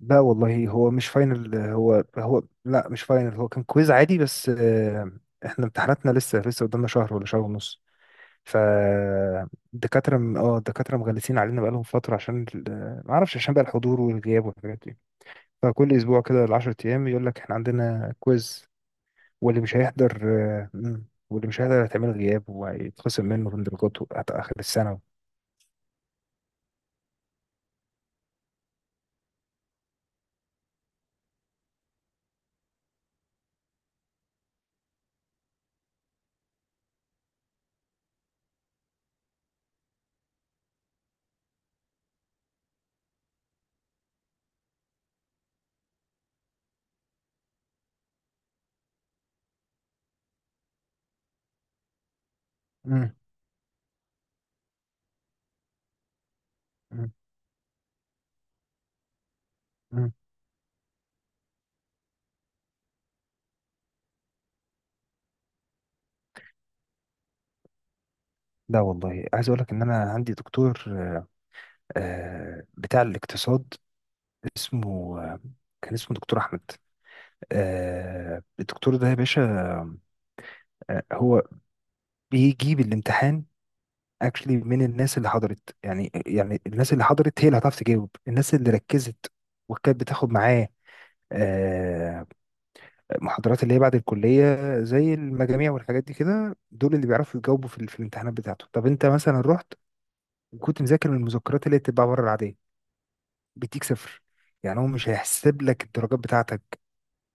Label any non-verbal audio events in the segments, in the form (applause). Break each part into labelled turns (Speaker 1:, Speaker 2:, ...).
Speaker 1: لا والله، هو مش فاينل. هو كان كويز عادي، بس احنا امتحاناتنا لسه قدامنا شهر ولا شهر ونص. فالدكاترة الدكاترة مغلسين علينا بقالهم فترة، عشان ما اعرفش، عشان بقى الحضور والغياب والحاجات دي. فكل اسبوع كده 10 ايام يقول لك احنا عندنا كويز. واللي مش هيحضر هيتعمل غياب، وهيتخصم منه من درجاته حتى اخر السنة. مم، مم، مم. لا والله، عايز اقول لك ان انا عندي دكتور، بتاع الاقتصاد. اسمه كان اسمه دكتور احمد. الدكتور ده يا باشا، هو بيجيب الامتحان اكشلي من الناس اللي حضرت. يعني الناس اللي حضرت هي اللي هتعرف تجاوب، الناس اللي ركزت وكانت بتاخد معاه آه محاضرات اللي هي بعد الكلية، زي المجاميع والحاجات دي كده. دول اللي بيعرفوا يجاوبوا في الامتحانات بتاعته. طب انت مثلا رحت وكنت مذاكر من المذكرات اللي هي بتتباع بره العادية، بيديك صفر. يعني هو مش هيحسب لك الدرجات بتاعتك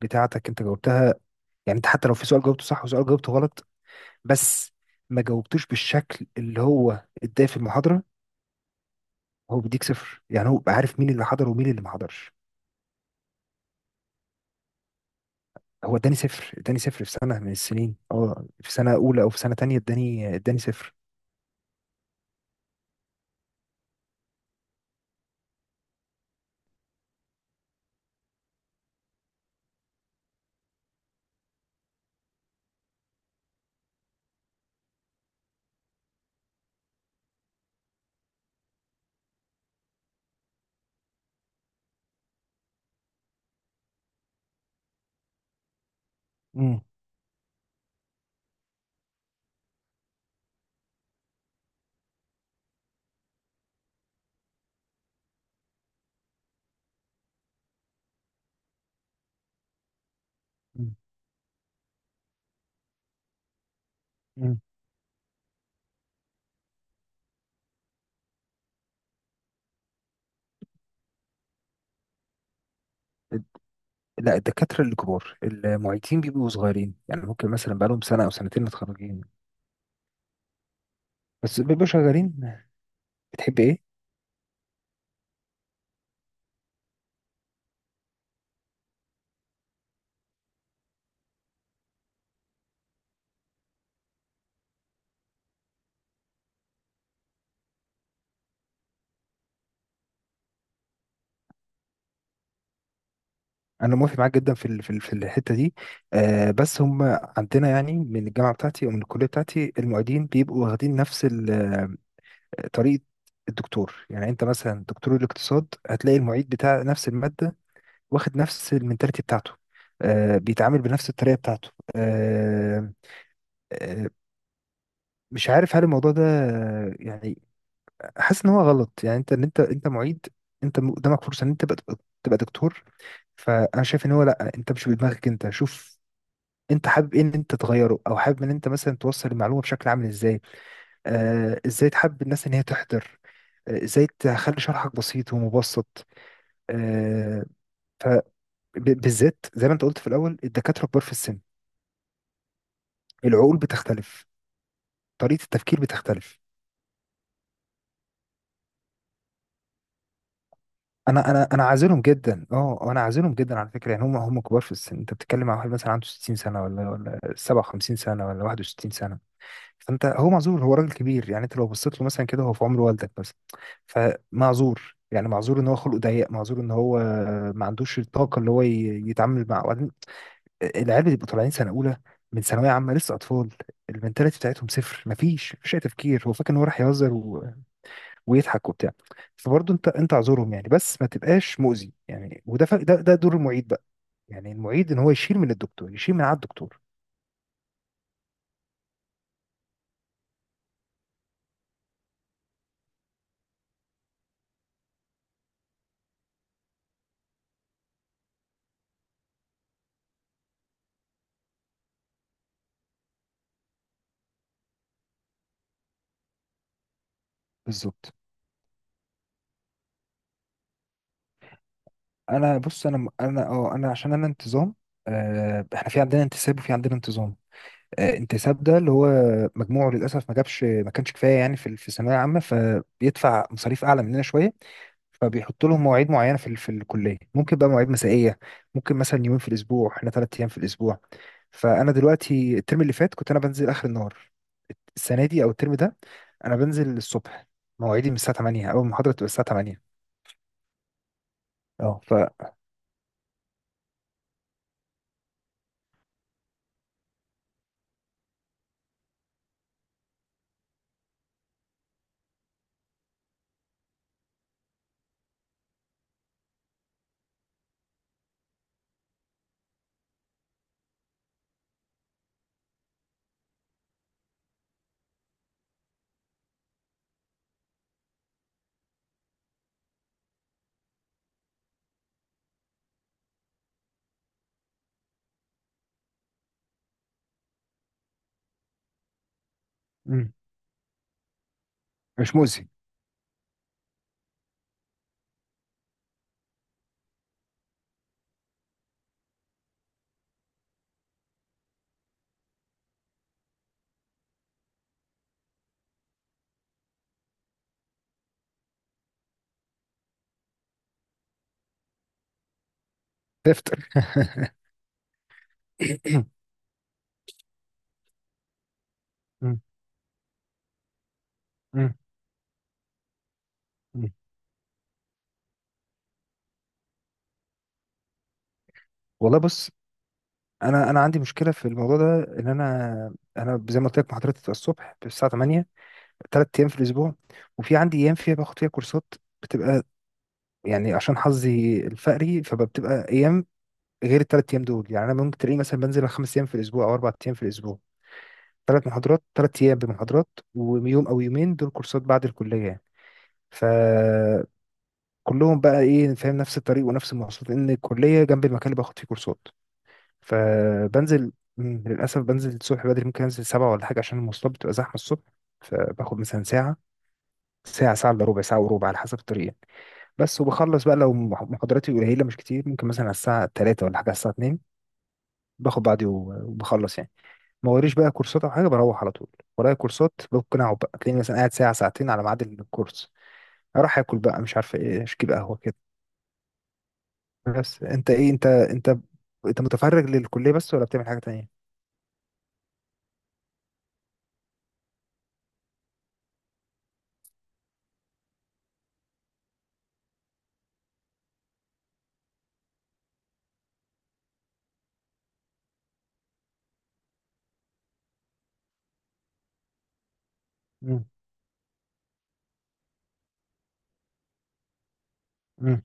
Speaker 1: بتاعتك انت جاوبتها. يعني انت حتى لو في سؤال جاوبته صح وسؤال جاوبته غلط، بس ما جاوبتوش بالشكل اللي هو اداه في المحاضرة، هو بيديك صفر. يعني هو بقى عارف مين اللي حضر ومين اللي ما حضرش. هو اداني صفر، اداني صفر في سنة من السنين، في سنة أولى أو في سنة تانية اداني صفر. امم، امم. لا، الدكاترة اللي كبار المعيدين بيبقوا صغيرين. يعني ممكن مثلا بقالهم سنة أو سنتين متخرجين، بس بيبقوا شغالين. بتحب إيه؟ انا موافق معاك جدا في الحته دي. بس هم عندنا، يعني من الجامعه بتاعتي او من الكليه بتاعتي، المعيدين بيبقوا واخدين نفس طريقه الدكتور. يعني انت مثلا دكتور الاقتصاد هتلاقي المعيد بتاع نفس الماده واخد نفس المنتاليتي بتاعته، بيتعامل بنفس الطريقه بتاعته. آه آه مش عارف هل الموضوع ده يعني حاسس ان هو غلط. يعني انت ان انت انت معيد، انت قدامك فرصه ان انت تبقى، تبقى دكتور. فانا شايف ان هو، لا، انت مش بدماغك انت، شوف انت حابب ايه، ان انت تغيره، او حابب ان انت مثلا توصل المعلومه بشكل عامل ازاي. ازاي تحب الناس ان هي تحضر، ازاي تخلي شرحك بسيط ومبسط. آه فبالذات زي ما انت قلت في الاول، الدكاتره كبار في السن، العقول بتختلف، طريقه التفكير بتختلف. انا عازلهم جدا، انا عازلهم جدا على فكره. يعني هم كبار في السن. انت بتتكلم مع واحد مثلا عنده 60 سنه، ولا 57 سنه، ولا 61. فانت، هو معذور، هو راجل كبير. يعني انت لو بصيت له مثلا كده هو في عمر والدك مثلا، فمعذور. يعني معذور ان هو خلقه ضيق، معذور ان هو ما عندوش الطاقه اللي هو يتعامل مع. وبعدين العيال بيبقوا طالعين سنه اولى من ثانويه عامه، لسه اطفال، المنتاليتي بتاعتهم صفر، مفيش اي تفكير، هو فاكر ان هو راح يهزر و... ويضحك وبتاع. فبرضه انت، اعذرهم يعني، بس ما تبقاش مؤذي. يعني وده ف... ده دور المعيد بقى. يعني المعيد ان هو يشيل من الدكتور، يشيل من على الدكتور. بالظبط. انا بص، انا عشان انا انتظام. احنا في عندنا انتساب وفي عندنا انتظام. انتساب ده اللي هو مجموعه للاسف ما كانش كفايه يعني في الثانويه العامه، فبيدفع مصاريف اعلى مننا شويه. فبيحط لهم مواعيد معينه في الكليه، ممكن بقى مواعيد مسائيه، ممكن مثلا يومين في الاسبوع. احنا 3 ايام في الاسبوع. فانا دلوقتي الترم اللي فات كنت انا بنزل اخر النهار. السنه دي او الترم ده انا بنزل الصبح. مواعيدي من الساعه 8، اول محاضره بتبقى الساعه 8. اه ف مم، مش مؤذي، تفتر (laughs) (coughs) مم. مم. مم. والله بص، انا عندي مشكله في الموضوع ده. ان انا زي ما قلت لك محاضرتي بتبقى الصبح الساعه 8، 3 ايام في الاسبوع، وفي عندي ايام فيها باخد فيها كورسات بتبقى، يعني عشان حظي الفقري، فبتبقى ايام غير الثلاث ايام دول. يعني انا ممكن تلاقيني مثلا بنزل 5 ايام في الاسبوع او 4 ايام في الاسبوع، 3 محاضرات، 3 ايام بمحاضرات، ويوم او يومين دول كورسات بعد الكليه يعني. ف كلهم بقى، ايه، فاهم، نفس الطريق ونفس المواصلات، لان الكليه جنب المكان اللي باخد فيه كورسات. فبنزل، مم، للأسف بنزل الصبح بدري. ممكن أنزل 7 ولا حاجة عشان المواصلات بتبقى زحمة الصبح. فباخد مثلا ساعة، ساعة إلا ربع، ساعة وربع، على حسب الطريق يعني. بس وبخلص بقى لو محاضراتي قليلة مش كتير، ممكن مثلا على الساعة 3 ولا حاجة، على الساعة 2، باخد بعضي وبخلص يعني. ما وريش بقى كورسات أو حاجة، بروح على طول. ورايا كورسات، ممكن أقعد بقى، تلاقيني مثلا قاعد ساعة، ساعتين، على ميعاد الكورس. أروح آكل بقى، مش عارف إيه، أشكي بقى قهوة كده. بس أنت إيه، أنت أنت متفرغ للكلية بس، ولا بتعمل حاجة تانية؟ مم.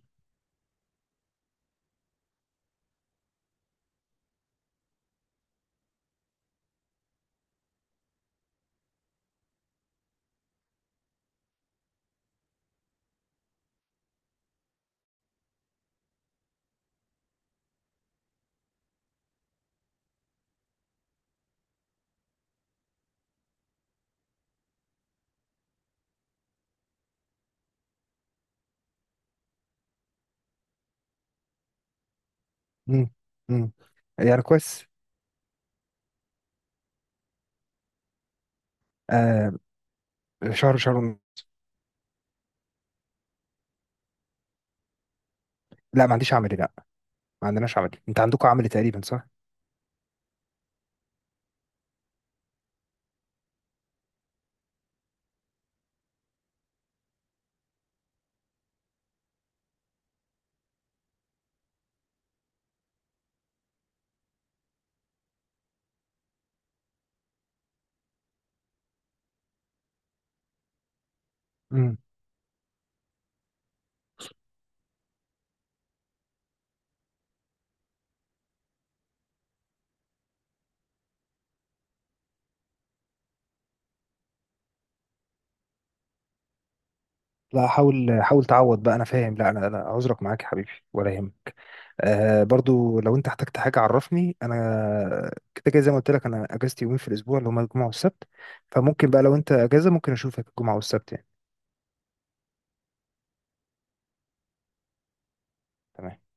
Speaker 1: مم. مم. يعني كويس. آه شهر. لا ما عنديش عملي، لا. ما عندناش عملي، انت عندكم عملي تقريبا صح؟ مم. لا، حاول حاول تعوض بقى، انا فاهم. لا، انا عذرك معاك يا حبيبي، ولا يهمك. برضو لو انت احتجت حاجه عرفني، انا كده كده زي ما قلت لك انا اجازتي يومين في الاسبوع اللي هما الجمعه والسبت. فممكن بقى لو انت اجازه ممكن اشوفك الجمعه والسبت يعني. تمام.